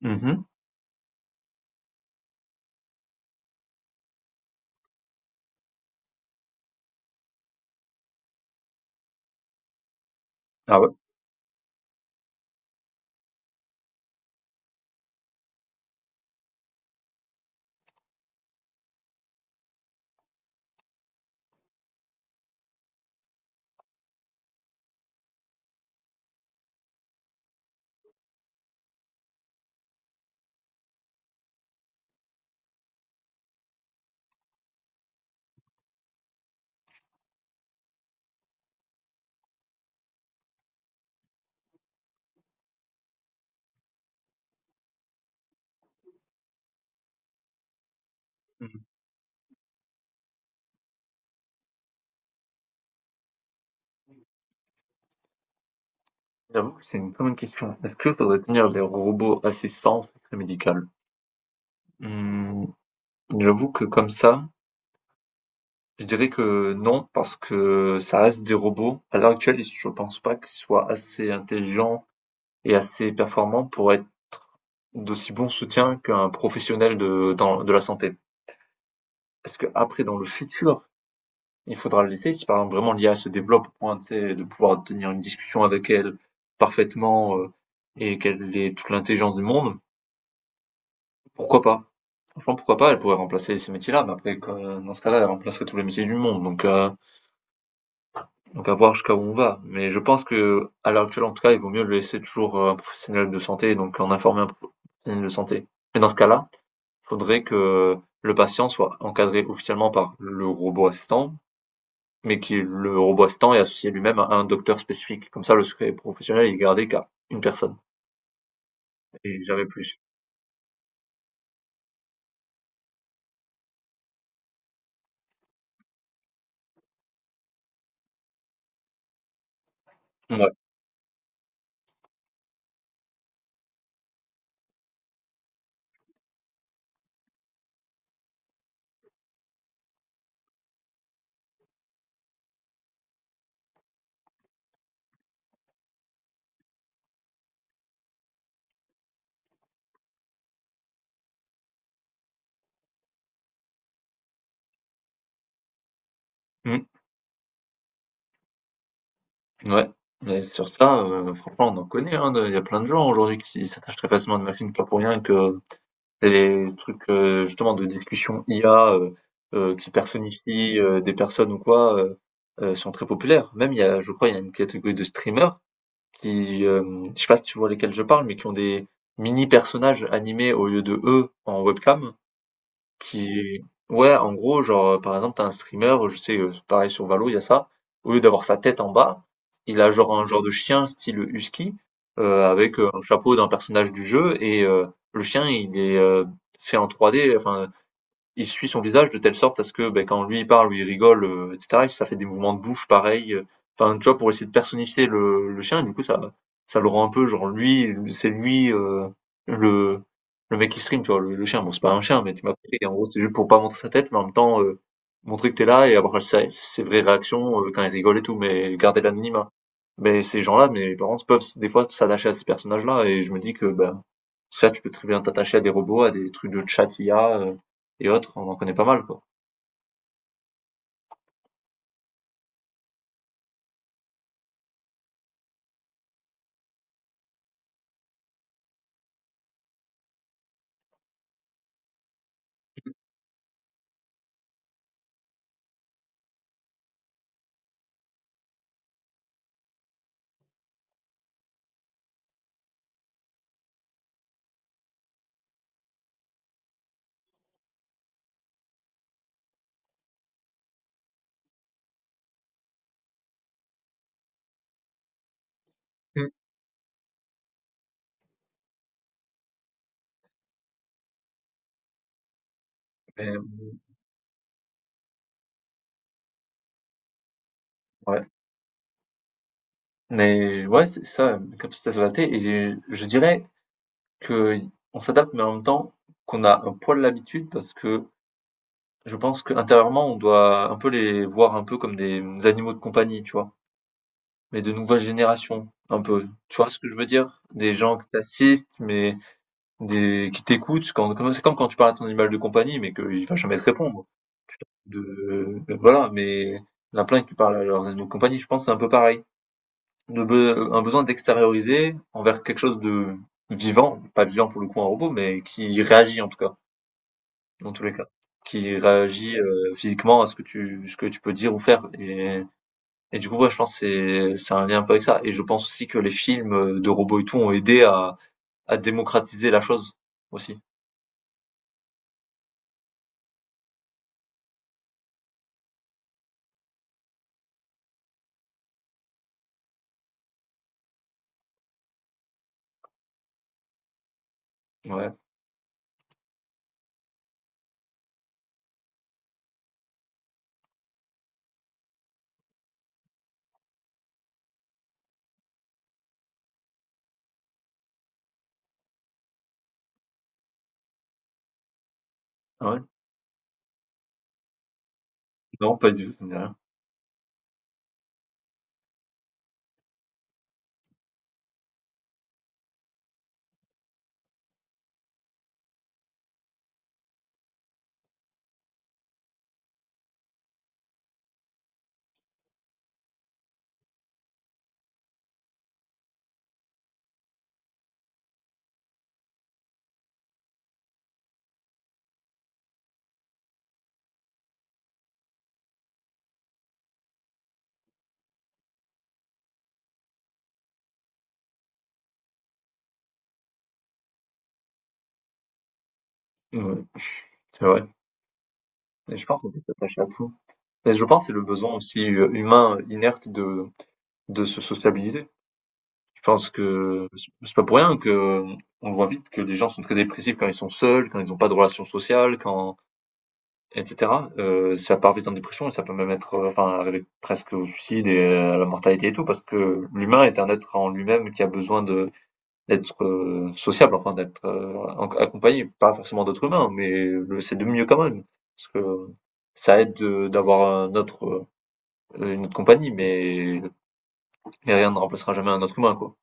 Mmh. Ah ouais? Mmh. J'avoue que c'est une très bonne question. Est-ce que faudrait tenir les robots à ses sans secret médical? Mmh, j'avoue que comme ça, je dirais que non, parce que ça reste des robots. À l'heure actuelle, je pense pas qu'ils soient assez intelligents et assez performants pour être d'aussi bons soutiens qu'un professionnel de dans de la santé. Est-ce que après, dans le futur, il faudra le laisser? Si par exemple vraiment l'IA se développe au point, tu sais, de pouvoir tenir une discussion avec elle parfaitement, et qu'elle ait toute l'intelligence du monde. Pourquoi pas? Franchement, pourquoi pas? Elle pourrait remplacer ces métiers-là, mais après, dans ce cas-là, elle remplacerait tous les métiers du monde. Donc à voir jusqu'à où on va. Mais je pense que, à l'heure actuelle, en tout cas, il vaut mieux le laisser toujours à un professionnel de santé, donc en informer un professionnel de santé. Mais dans ce cas-là, il faudrait que le patient soit encadré officiellement par le robot assistant, mais que le robot assistant est associé lui-même à un docteur spécifique. Comme ça, le secret professionnel est gardé qu'à une personne et jamais plus. Ouais. Mmh. Ouais, mais sur ça, franchement, on en connaît, hein, de il y a plein de gens aujourd'hui qui s'attachent très facilement à une machine, pas pour rien que les trucs, justement de discussion IA, qui personnifient, des personnes ou quoi, sont très populaires. Même il y a je crois, il y a une catégorie de streamers qui, je sais pas si tu vois lesquels je parle, mais qui ont des mini personnages animés au lieu de eux en webcam qui est. Ouais, en gros, genre, par exemple, t'as un streamer, je sais, pareil sur Valo, il y a ça. Au lieu d'avoir sa tête en bas, il a genre un genre de chien style husky, avec, un chapeau d'un personnage du jeu et le chien, il est, fait en 3D, enfin il suit son visage de telle sorte à ce que ben, quand lui il parle ou il rigole, etc., ça fait des mouvements de bouche pareil. Enfin, tu vois, pour essayer de personnifier le chien, et du coup, ça le rend un peu genre lui, c'est lui le, le mec qui stream, tu vois, le chien. Bon, c'est pas un chien, mais tu m'as compris. En gros, c'est juste pour pas montrer sa tête, mais en même temps, montrer que t'es là et avoir ses vraies réactions quand il rigole et tout, mais garder l'anonymat. Mais ces gens-là, mes parents peuvent des fois s'attacher à ces personnages-là, et je me dis que ben ça, tu peux très bien t'attacher à des robots, à des trucs de chat IA et autres, on en connaît pas mal, quoi. Mm. Mais ouais, mais ouais, c'est ça, la capacité à s'adapter. Et je dirais que on s'adapte, mais en même temps qu'on a un poil l'habitude, parce que je pense qu'intérieurement, on doit un peu les voir un peu comme des animaux de compagnie, tu vois. Mais de nouvelle génération, un peu. Tu vois ce que je veux dire? Des gens qui t'assistent, mais des qui t'écoutent. C'est comme quand tu parles à ton animal de compagnie, mais qu'il va jamais te répondre. De Voilà, mais il y en a plein qui parlent à leurs animaux de compagnie, je pense que c'est un peu pareil. Un besoin d'extérioriser envers quelque chose de vivant, pas vivant pour le coup un robot, mais qui réagit en tout cas, dans tous les cas. Qui réagit physiquement à ce que tu peux dire ou faire. Et du coup, ouais, je pense que c'est un lien un peu avec ça. Et je pense aussi que les films de robots et tout ont aidé à, démocratiser la chose aussi. Ouais. Ah ouais. Non, pas du tout, ça me dit rien. Ouais, c'est vrai. Et je pense qu'on peut s'attacher à tout. Mais je pense que c'est le besoin aussi humain inerte de se sociabiliser. Je pense que c'est pas pour rien que on voit vite que les gens sont très dépressifs quand ils sont seuls, quand ils n'ont pas de relations sociales, quand etc. Ça part vite en dépression et ça peut même être enfin arriver presque au suicide et à la mortalité et tout parce que l'humain est un être en lui-même qui a besoin de d'être sociable, enfin d'être accompagné, pas forcément d'autres humains, mais c'est de mieux quand même parce que ça aide d'avoir un autre une autre compagnie, mais rien ne remplacera jamais un autre humain, quoi.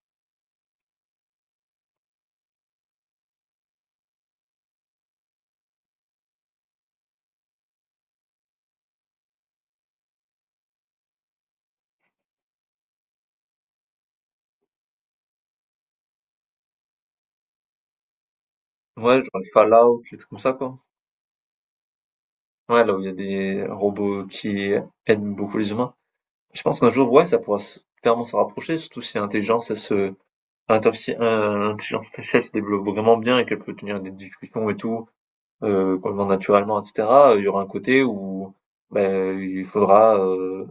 Ouais, genre les Fallout, les trucs comme ça, quoi. Ouais, là où il y a des robots qui aiment beaucoup les humains. Je pense qu'un jour, ouais, ça pourra se clairement se rapprocher, surtout si l'intelligence heu, l'intelligence artificielle se développe vraiment bien et qu'elle peut tenir des discussions et tout, complètement naturellement et cetera, il y aura un côté où, beh, il faudra,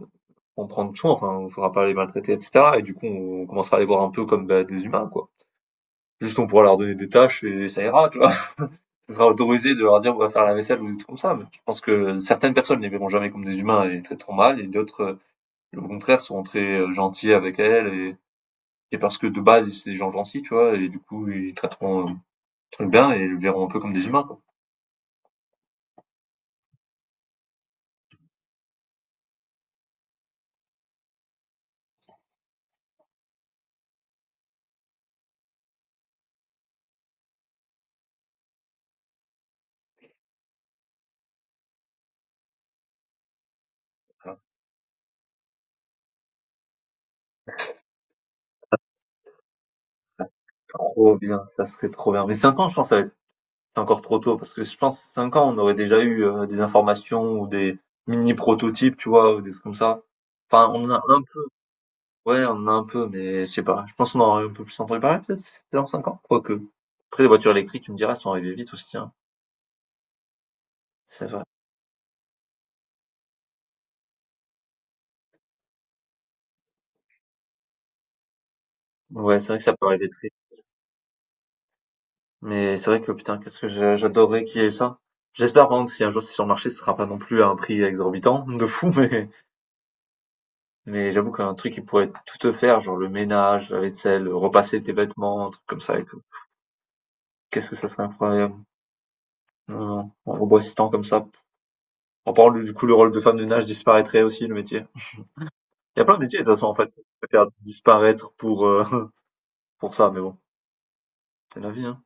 en prendre soin, enfin, il faudra pas les maltraiter et cetera et du coup, on commencera à les voir un peu comme, bah, des humains, quoi. Juste, on pourra leur donner des tâches et ça ira, tu vois. Ça sera autorisé de leur dire, on va faire la vaisselle ou des trucs comme ça. Mais je pense que certaines personnes les verront jamais comme des humains et les traiteront mal, et d'autres, au contraire, seront très gentils avec elles et parce que de base, c'est des gens gentils, tu vois, et du coup, ils traiteront très bien et les verront un peu comme des humains, quoi. Voilà. Trop bien, ça serait trop bien. Mais 5 ans, je pense, ça va être encore trop tôt parce que je pense 5 ans, on aurait déjà eu des informations ou des mini prototypes, tu vois, ou des trucs comme ça. Enfin, on en a un peu. Ouais, on en a un peu, mais je sais pas. Je pense qu'on aura un peu plus en préparé, peut-être, dans 5 ans, quoique. Après, les voitures électriques, tu me diras, elles sont arrivées vite aussi, hein. C'est vrai. Ouais, c'est vrai que ça peut arriver très vite. Mais c'est vrai que, putain, qu'est-ce que j'adorerais qu'il y ait ça. J'espère, par contre, si un jour c'est sur le marché, ce sera pas non plus à un prix exorbitant, de fou, mais, j'avoue qu'un truc qui pourrait tout te faire, genre le ménage, la vaisselle, repasser tes vêtements, un truc comme ça et tout. Qu'est-ce que ça serait incroyable. Non, non, un robot assistant comme ça. En parlant, du coup, le rôle de femme de ménage disparaîtrait aussi, le métier. Il y a plein de métiers de toute façon en fait, qui peuvent faire disparaître pour, pour ça, mais bon, c'est la vie, hein.